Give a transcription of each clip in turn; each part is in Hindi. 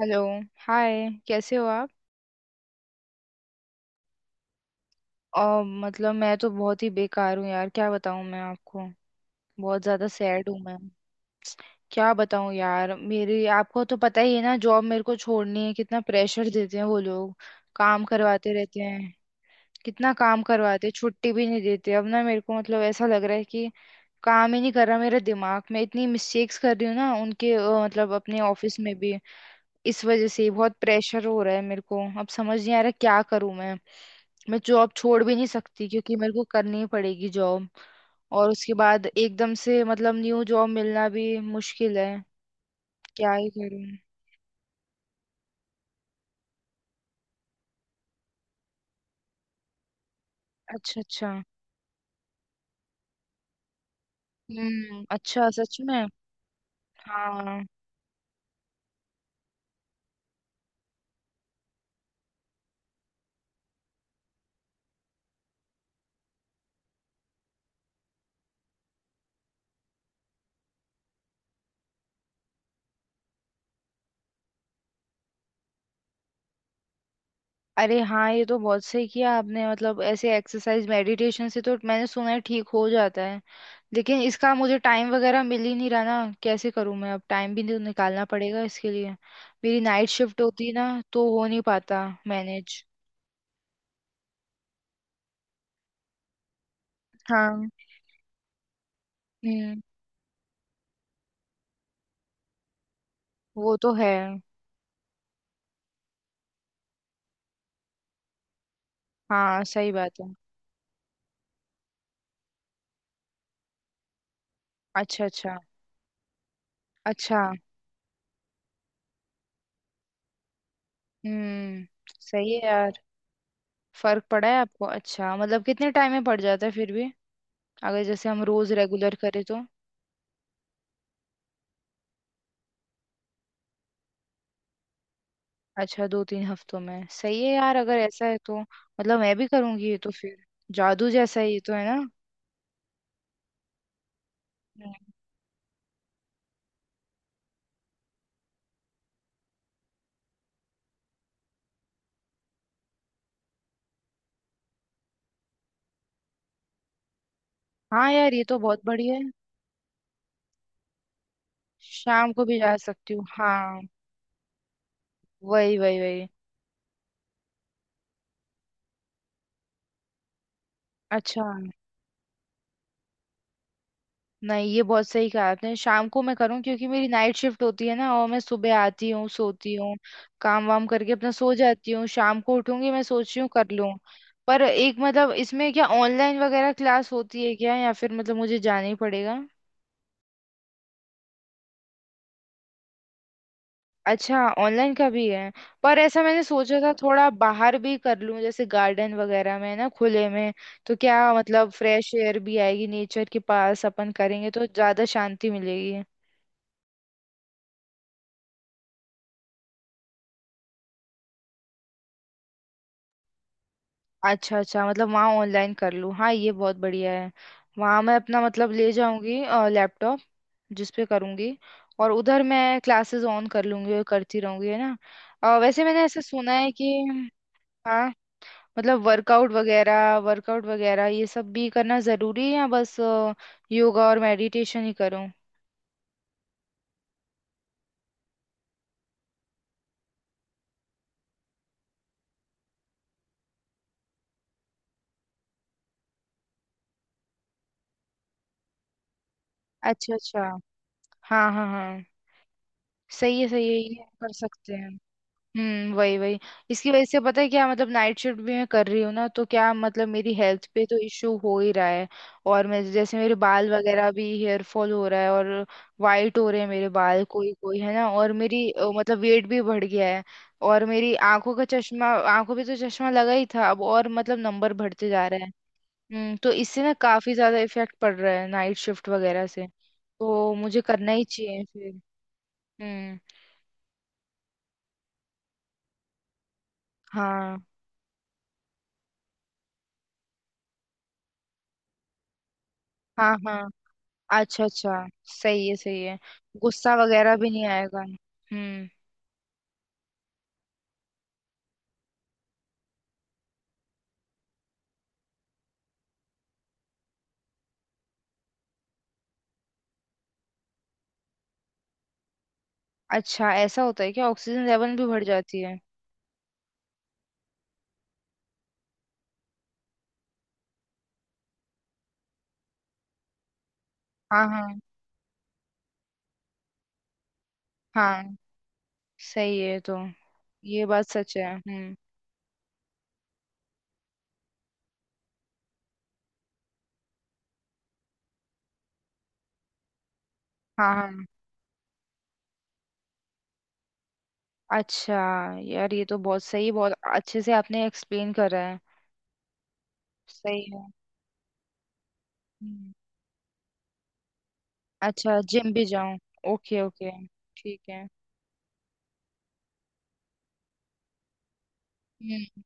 हेलो। हाय, कैसे हो आप? और मतलब मैं तो बहुत ही बेकार हूँ यार, क्या बताऊँ मैं आपको। बहुत ज़्यादा सैड हूँ मैं। क्या बताऊँ यार, मेरी आपको तो पता ही है ना, जॉब मेरे को छोड़नी है, कितना प्रेशर देते हैं वो लोग, काम करवाते रहते हैं। कितना काम करवाते हैं, छुट्टी भी नहीं देते। अब ना मेरे को मतलब ऐसा लग रहा है कि काम ही नहीं कर रहा मेरा दिमाग। मैं इतनी मिस्टेक्स कर रही हूँ ना उनके मतलब अपने ऑफिस में भी। इस वजह से बहुत प्रेशर हो रहा है मेरे को। अब समझ नहीं आ रहा क्या करूं मैं। मैं जॉब छोड़ भी नहीं सकती क्योंकि मेरे को करनी ही पड़ेगी जॉब। और उसके बाद एकदम से मतलब न्यू जॉब मिलना भी मुश्किल है। क्या ही करूं। अच्छा अच्छा। हम्म। अच्छा, सच में? हाँ। अरे हाँ, ये तो बहुत सही किया आपने। मतलब ऐसे एक्सरसाइज मेडिटेशन से तो मैंने सुना है ठीक हो जाता है। लेकिन इसका मुझे टाइम वगैरह मिल ही नहीं रहा ना, कैसे करूँ मैं? अब टाइम भी तो निकालना पड़ेगा इसके लिए। मेरी नाइट शिफ्ट होती ना तो हो नहीं पाता मैनेज। हाँ। हम्म। वो तो है। हाँ सही बात है। अच्छा अच्छा। अच्छा। हम्म। सही है यार। फर्क पड़ा है आपको? अच्छा, मतलब कितने टाइम में पड़ जाता है फिर भी, अगर जैसे हम रोज रेगुलर करें तो? अच्छा, दो तीन हफ्तों में। सही है यार, अगर ऐसा है तो मतलब मैं भी करूंगी ये तो फिर। जादू जैसा है ये तो, है ना। हम्म। हाँ यार, ये तो बहुत बढ़िया है। शाम को भी जा सकती हूँ हाँ। वही वही वही। अच्छा। नहीं, ये बहुत सही कहा आपने, शाम को मैं करूँ क्योंकि मेरी नाइट शिफ्ट होती है ना, और मैं सुबह आती हूँ, सोती हूँ। काम वाम करके अपना सो जाती हूँ, शाम को उठूंगी, मैं सोच रही हूँ कर लूँ। पर एक मतलब इसमें क्या ऑनलाइन वगैरह क्लास होती है क्या, या फिर मतलब मुझे जाना ही पड़ेगा? अच्छा, ऑनलाइन का भी है। पर ऐसा मैंने सोचा था थोड़ा बाहर भी कर लूं, जैसे गार्डन वगैरह में ना, खुले में। तो क्या मतलब फ्रेश एयर भी आएगी, नेचर के पास अपन करेंगे तो ज्यादा शांति मिलेगी। अच्छा अच्छा, मतलब वहाँ ऑनलाइन कर लूँ, हाँ ये बहुत बढ़िया है। वहाँ मैं अपना मतलब ले जाऊंगी लैपटॉप, जिस पे करूंगी। और उधर मैं क्लासेस ऑन कर लूंगी और करती रहूंगी, है ना। वैसे मैंने ऐसा सुना है कि हाँ, मतलब वर्कआउट वगैरह ये सब भी करना जरूरी है या बस योगा और मेडिटेशन ही करूं? अच्छा अच्छा। हाँ हाँ हाँ। सही है, सही है, ये हम कर सकते हैं। हम्म, वही वही। इसकी वजह से पता है क्या, मतलब नाइट शिफ्ट भी मैं कर रही हूँ ना, तो क्या मतलब मेरी हेल्थ पे तो इश्यू हो ही रहा है। और मैं जैसे, मेरे बाल वगैरह भी हेयर फॉल हो रहा है और वाइट हो रहे हैं मेरे बाल कोई कोई, है ना। और मेरी मतलब वेट भी बढ़ गया है। और मेरी आंखों का चश्मा, आंखों पे तो चश्मा लगा ही था, अब और मतलब नंबर बढ़ते जा रहे हैं। हम्म, तो इससे ना काफी ज्यादा इफेक्ट पड़ रहा है नाइट शिफ्ट वगैरह से, तो मुझे करना ही चाहिए फिर। हम्म। हाँ हाँ हाँ। अच्छा अच्छा। सही है सही है। गुस्सा वगैरह भी नहीं आएगा? हम्म। अच्छा, ऐसा होता है क्या, ऑक्सीजन लेवल भी बढ़ जाती है? हाँ हाँ हाँ। सही है तो। ये बात सच है। हम्म। हाँ हाँ। अच्छा। यार ये तो बहुत सही, बहुत अच्छे से आपने एक्सप्लेन करा है। सही है। हम्म। अच्छा, जिम भी जाऊं? Okay okay. ठीक है। हम्म।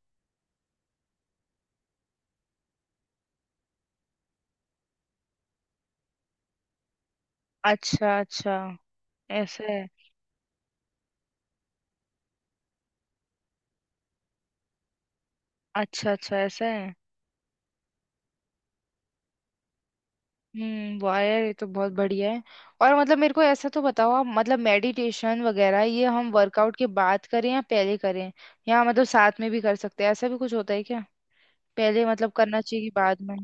अच्छा अच्छा, ऐसा है? अच्छा अच्छा, ऐसा है। हम्म, वाह यार, ये तो बहुत बढ़िया है। और मतलब मेरे को ऐसा तो बताओ आप, मतलब मेडिटेशन वगैरह ये हम वर्कआउट के बाद करें या पहले करें, या मतलब साथ में भी कर सकते हैं, ऐसा भी कुछ होता है क्या? पहले मतलब करना चाहिए कि बाद में?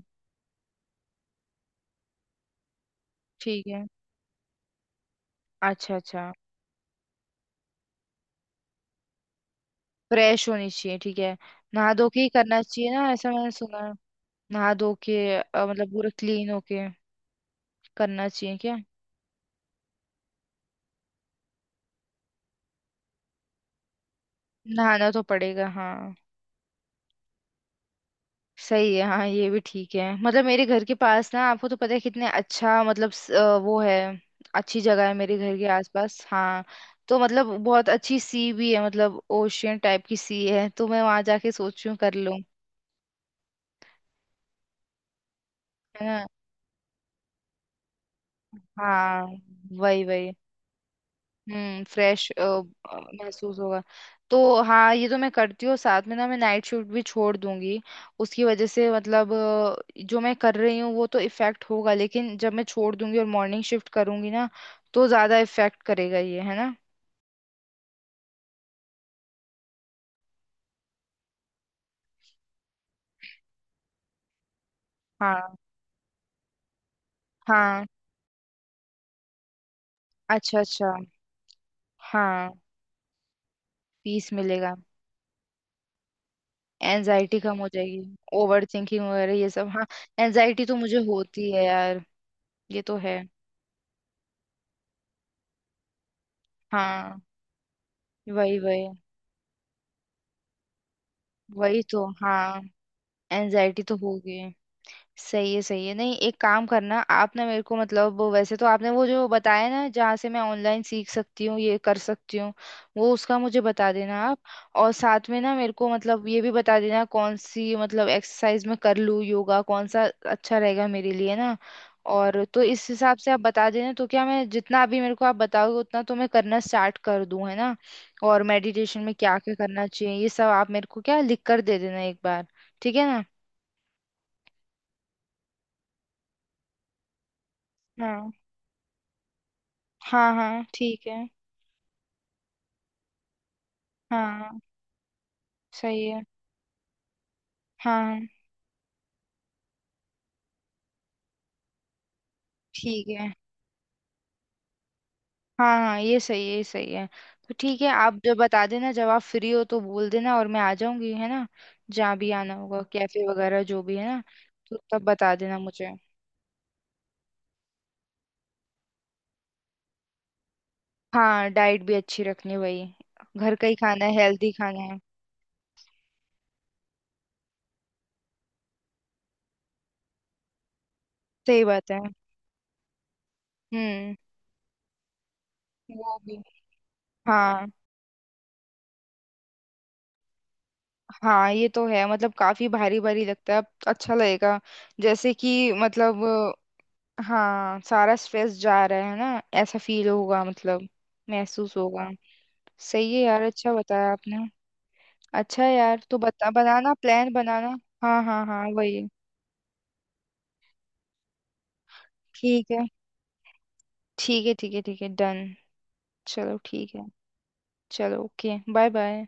ठीक है। अच्छा अच्छा। फ्रेश होनी चाहिए, ठीक है। नहा धो के ही करना चाहिए ना, ऐसा मैंने सुना है। नहा धो के मतलब पूरा क्लीन होके करना चाहिए क्या? नहाना तो पड़ेगा हाँ। सही है हाँ, ये भी ठीक है। मतलब मेरे घर के पास ना, आपको तो पता है कितने अच्छा मतलब वो है, अच्छी जगह है मेरे घर के आसपास हाँ। तो मतलब बहुत अच्छी सी भी है, मतलब ओशियन टाइप की सी है, तो मैं वहां जाके सोच रही हूँ कर लूँ। है ना। हाँ वही वही। फ्रेश महसूस होगा। तो हाँ ये तो मैं करती हूँ, साथ में ना मैं नाइट शिफ्ट भी छोड़ दूंगी। उसकी वजह से मतलब जो मैं कर रही हूँ वो तो इफेक्ट होगा, लेकिन जब मैं छोड़ दूंगी और मॉर्निंग शिफ्ट करूंगी ना, तो ज्यादा इफेक्ट करेगा ये, है ना। हाँ हाँ। अच्छा अच्छा। हाँ पीस मिलेगा। एनजाइटी कम हो जाएगी। ओवर थिंकिंग वगैरह ये सब हाँ। एनजाइटी तो मुझे होती है यार, ये तो है। हाँ वही वही। वही तो हाँ, एनजाइटी तो होगी। सही है सही है। नहीं एक काम करना आप ना, मेरे को मतलब वो, वैसे तो आपने वो जो बताया ना जहाँ से मैं ऑनलाइन सीख सकती हूँ, ये कर सकती हूँ, वो उसका मुझे बता देना आप। और साथ में ना, मेरे को मतलब ये भी बता देना कौन सी मतलब एक्सरसाइज मैं कर लूँ, योगा कौन सा अच्छा रहेगा मेरे लिए ना। और तो इस हिसाब से आप बता देना, तो क्या मैं जितना अभी मेरे को आप बताओगे उतना तो मैं करना स्टार्ट कर दूँ, है ना? और मेडिटेशन में क्या क्या करना चाहिए ये सब आप मेरे को क्या लिख कर दे देना एक बार। ठीक है ना। हाँ हाँ हाँ ठीक है। हाँ सही है। हाँ ठीक है। हाँ हाँ ये सही है, ये सही है। तो ठीक है, आप जब बता देना जब आप फ्री हो तो बोल देना और मैं आ जाऊंगी, है ना। जहाँ भी आना होगा, कैफे वगैरह जो भी है ना। तो तब बता देना मुझे। हाँ डाइट भी अच्छी रखनी है वही, घर का ही खाना है, हेल्दी खाना है। सही बात है। हम्म। वो भी हाँ। हाँ ये तो है, मतलब काफी भारी भारी लगता है, अब अच्छा लगेगा। जैसे कि मतलब हाँ, सारा स्ट्रेस जा रहा है ना, ऐसा फील होगा, मतलब महसूस होगा। सही है यार, अच्छा बताया आपने। अच्छा है यार, तो बता, बनाना प्लान बनाना। हाँ हाँ हाँ वही। ठीक है ठीक है ठीक है ठीक है डन। चलो ठीक है। चलो ओके, बाय बाय।